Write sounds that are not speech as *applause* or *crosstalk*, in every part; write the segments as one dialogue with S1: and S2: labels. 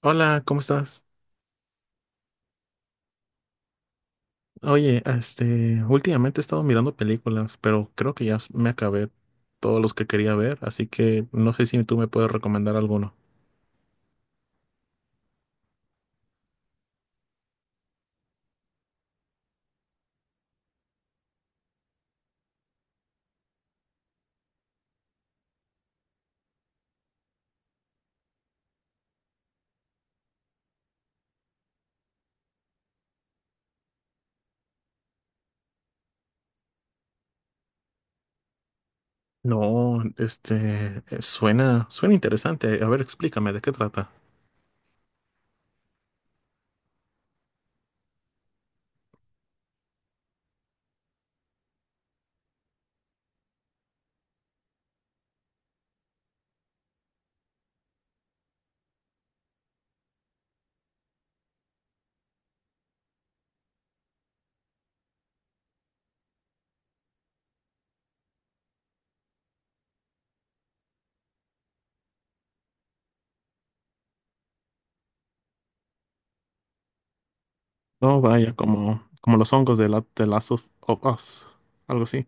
S1: Hola, ¿cómo estás? Oye, últimamente he estado mirando películas, pero creo que me acabé todos los que quería ver, así que no sé si tú me puedes recomendar alguno. No, suena interesante. A ver, explícame, ¿de qué trata? No, vaya, como los hongos de la, The Last of Us, algo así.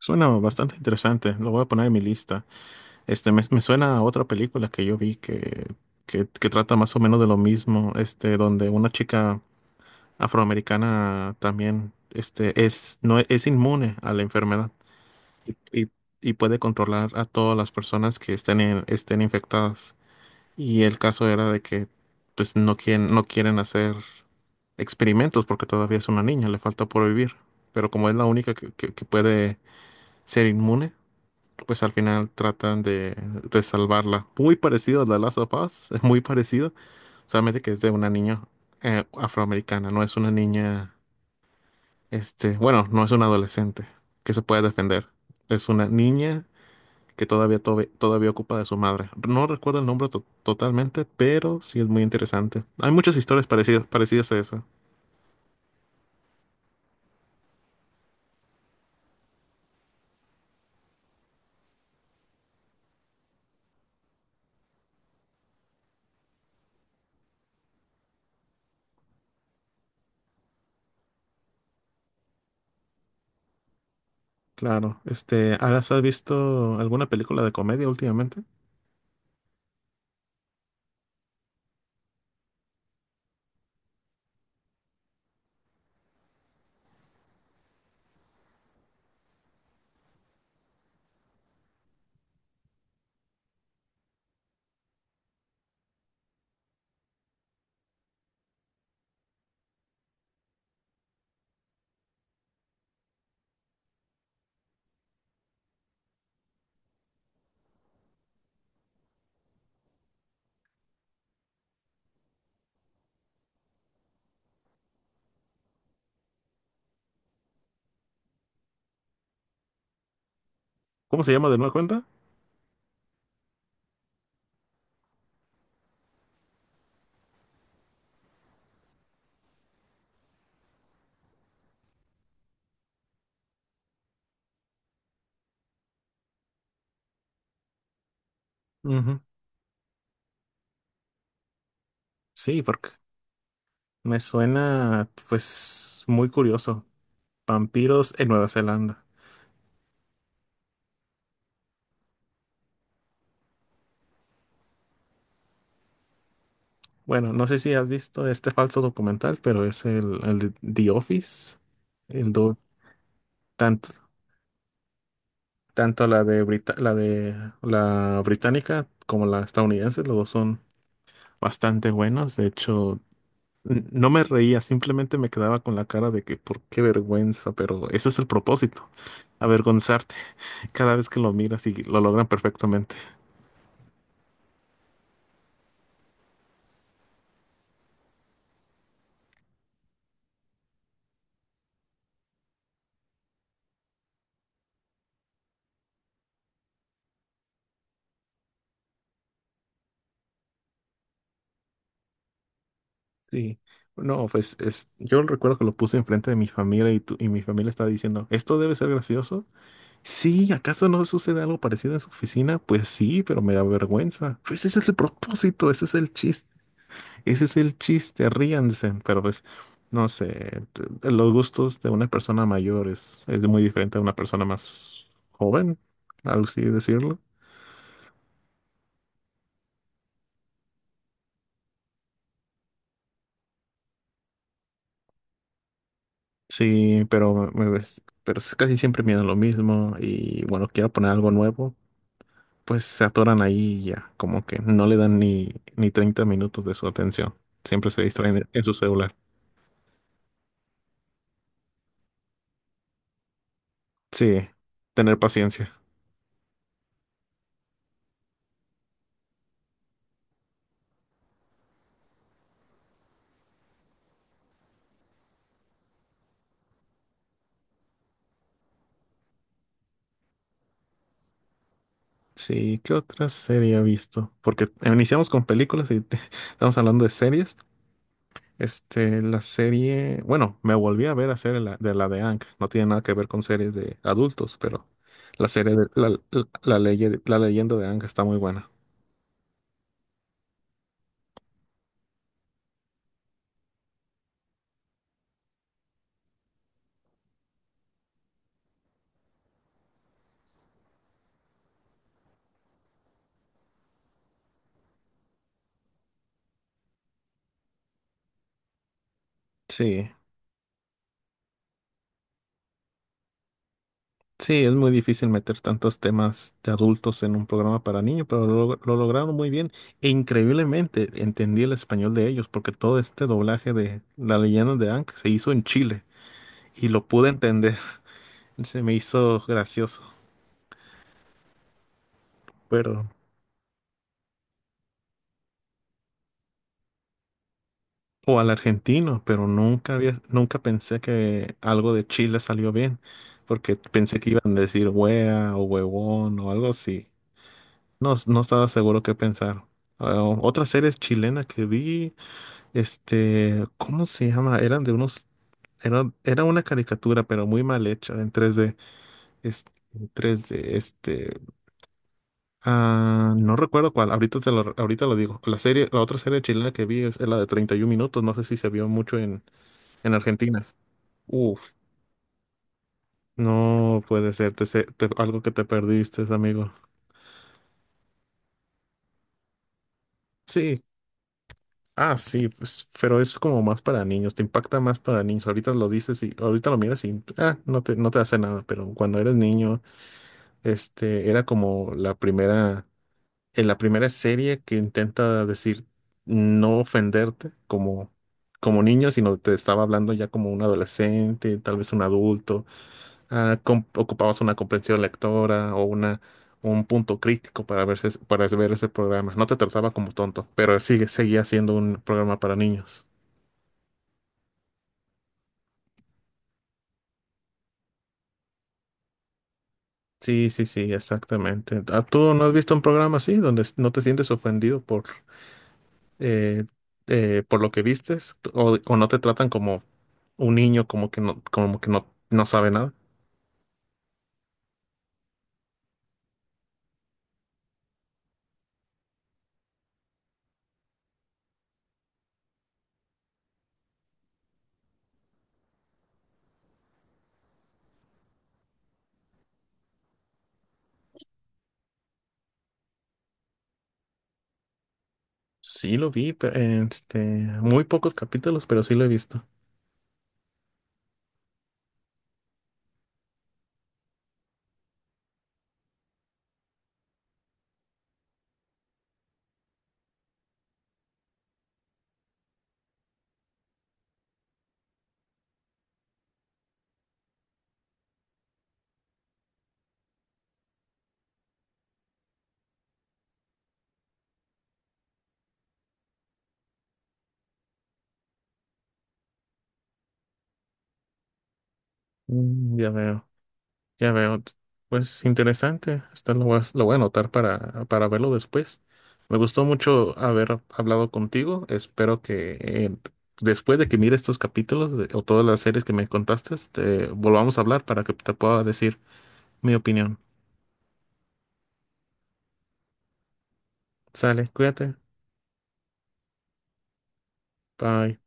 S1: Suena bastante interesante, lo voy a poner en mi lista. Este, me suena a otra película que que trata más o menos de lo mismo, este, donde una chica afroamericana también este, es, no, es inmune a la enfermedad y, y- y puede controlar a todas las personas que estén infectadas. Y el caso era de que pues, no quieren hacer experimentos porque todavía es una niña, le falta por vivir. Pero como es la única que puede ser inmune, pues al final tratan de salvarla. Muy parecido a The Last of Us, *laughs* es muy parecido, solamente que es de una niña afroamericana, no es una niña no es una adolescente que se puede defender. Es una niña que todavía ocupa de su madre. No recuerdo el nombre totalmente, pero sí es muy interesante. Hay muchas historias parecidas a esa. Claro. Este, ¿has visto alguna película de comedia últimamente? ¿Cómo se llama de nueva cuenta? Ujú. Sí, porque me suena, pues, muy curioso. Vampiros en Nueva Zelanda. Bueno, no sé si has visto este falso documental, pero es el de The Office. El, Tanto, tanto la de la británica como la estadounidense, los dos son bastante buenos. De hecho, no me reía, simplemente me quedaba con la cara de que por qué vergüenza, pero ese es el propósito, avergonzarte *laughs* cada vez que lo miras y lo logran perfectamente. Sí. No, pues es, yo recuerdo que lo puse enfrente de mi familia y mi familia estaba diciendo, ¿esto debe ser gracioso? Sí, ¿acaso no sucede algo parecido en su oficina? Pues sí, pero me da vergüenza. Pues ese es el propósito, ese es el chiste. Ese es el chiste, ríanse, pero pues, no sé, los gustos de una persona mayor es muy diferente a una persona más joven, algo así decirlo. Sí, pero, pero es casi siempre miran lo mismo y bueno, quiero poner algo nuevo, pues se atoran ahí y ya, como que no le dan ni 30 minutos de su atención, siempre se distraen en su celular. Sí, tener paciencia. Sí, ¿qué otra serie he visto? Porque iniciamos con películas y *laughs* estamos hablando de series. Este, la serie, bueno, me volví a ver a serie la de Ank. No tiene nada que ver con series de adultos, pero la serie de la leyenda de Ank está muy buena. Sí, sí, es muy difícil meter tantos temas de adultos en un programa para niños, pero lo lograron muy bien. E increíblemente entendí el español de ellos, porque todo este doblaje de la leyenda de Ank se hizo en Chile y lo pude entender. *laughs* Se me hizo gracioso, pero o al argentino, pero nunca pensé que algo de Chile salió bien, porque pensé que iban a decir wea o huevón o algo así. No, no estaba seguro qué pensar. Ah, otra serie chilena que vi, este, ¿cómo se llama? Eran de unos, era una caricatura, pero muy mal hecha, en tres d es- este, ah, no recuerdo cuál, ahorita lo digo. La serie, la otra serie chilena que vi es la de 31 minutos, no sé si se vio mucho en Argentina. Uf, no puede ser, algo que te perdiste, amigo. Sí, ah, sí, pues, pero es como más para niños, te impacta más para niños. Ahorita lo dices y ahorita lo miras y ah, no te hace nada, pero cuando eres niño, era como en la primera serie que intenta decir no ofenderte como niño, sino te estaba hablando ya como un adolescente, tal vez un adulto. Ah, ocupabas una comprensión lectora un punto crítico para verse, para ver ese programa. No te trataba como tonto, pero seguía siendo un programa para niños. Sí, sí, sí, exactamente. Ah, ¿tú no has visto un programa así donde no te sientes ofendido eh, por lo que vistes o no te tratan como un niño como que no, no sabe nada? Sí lo vi, pero, este, muy pocos capítulos, pero sí lo he visto. Mm, ya veo. Ya veo, pues interesante. Hasta lo voy a anotar para verlo después. Me gustó mucho haber hablado contigo. Espero que después de que mire estos capítulos o todas las series que me contaste, te volvamos a hablar para que te pueda decir mi opinión. Sale, cuídate. Bye.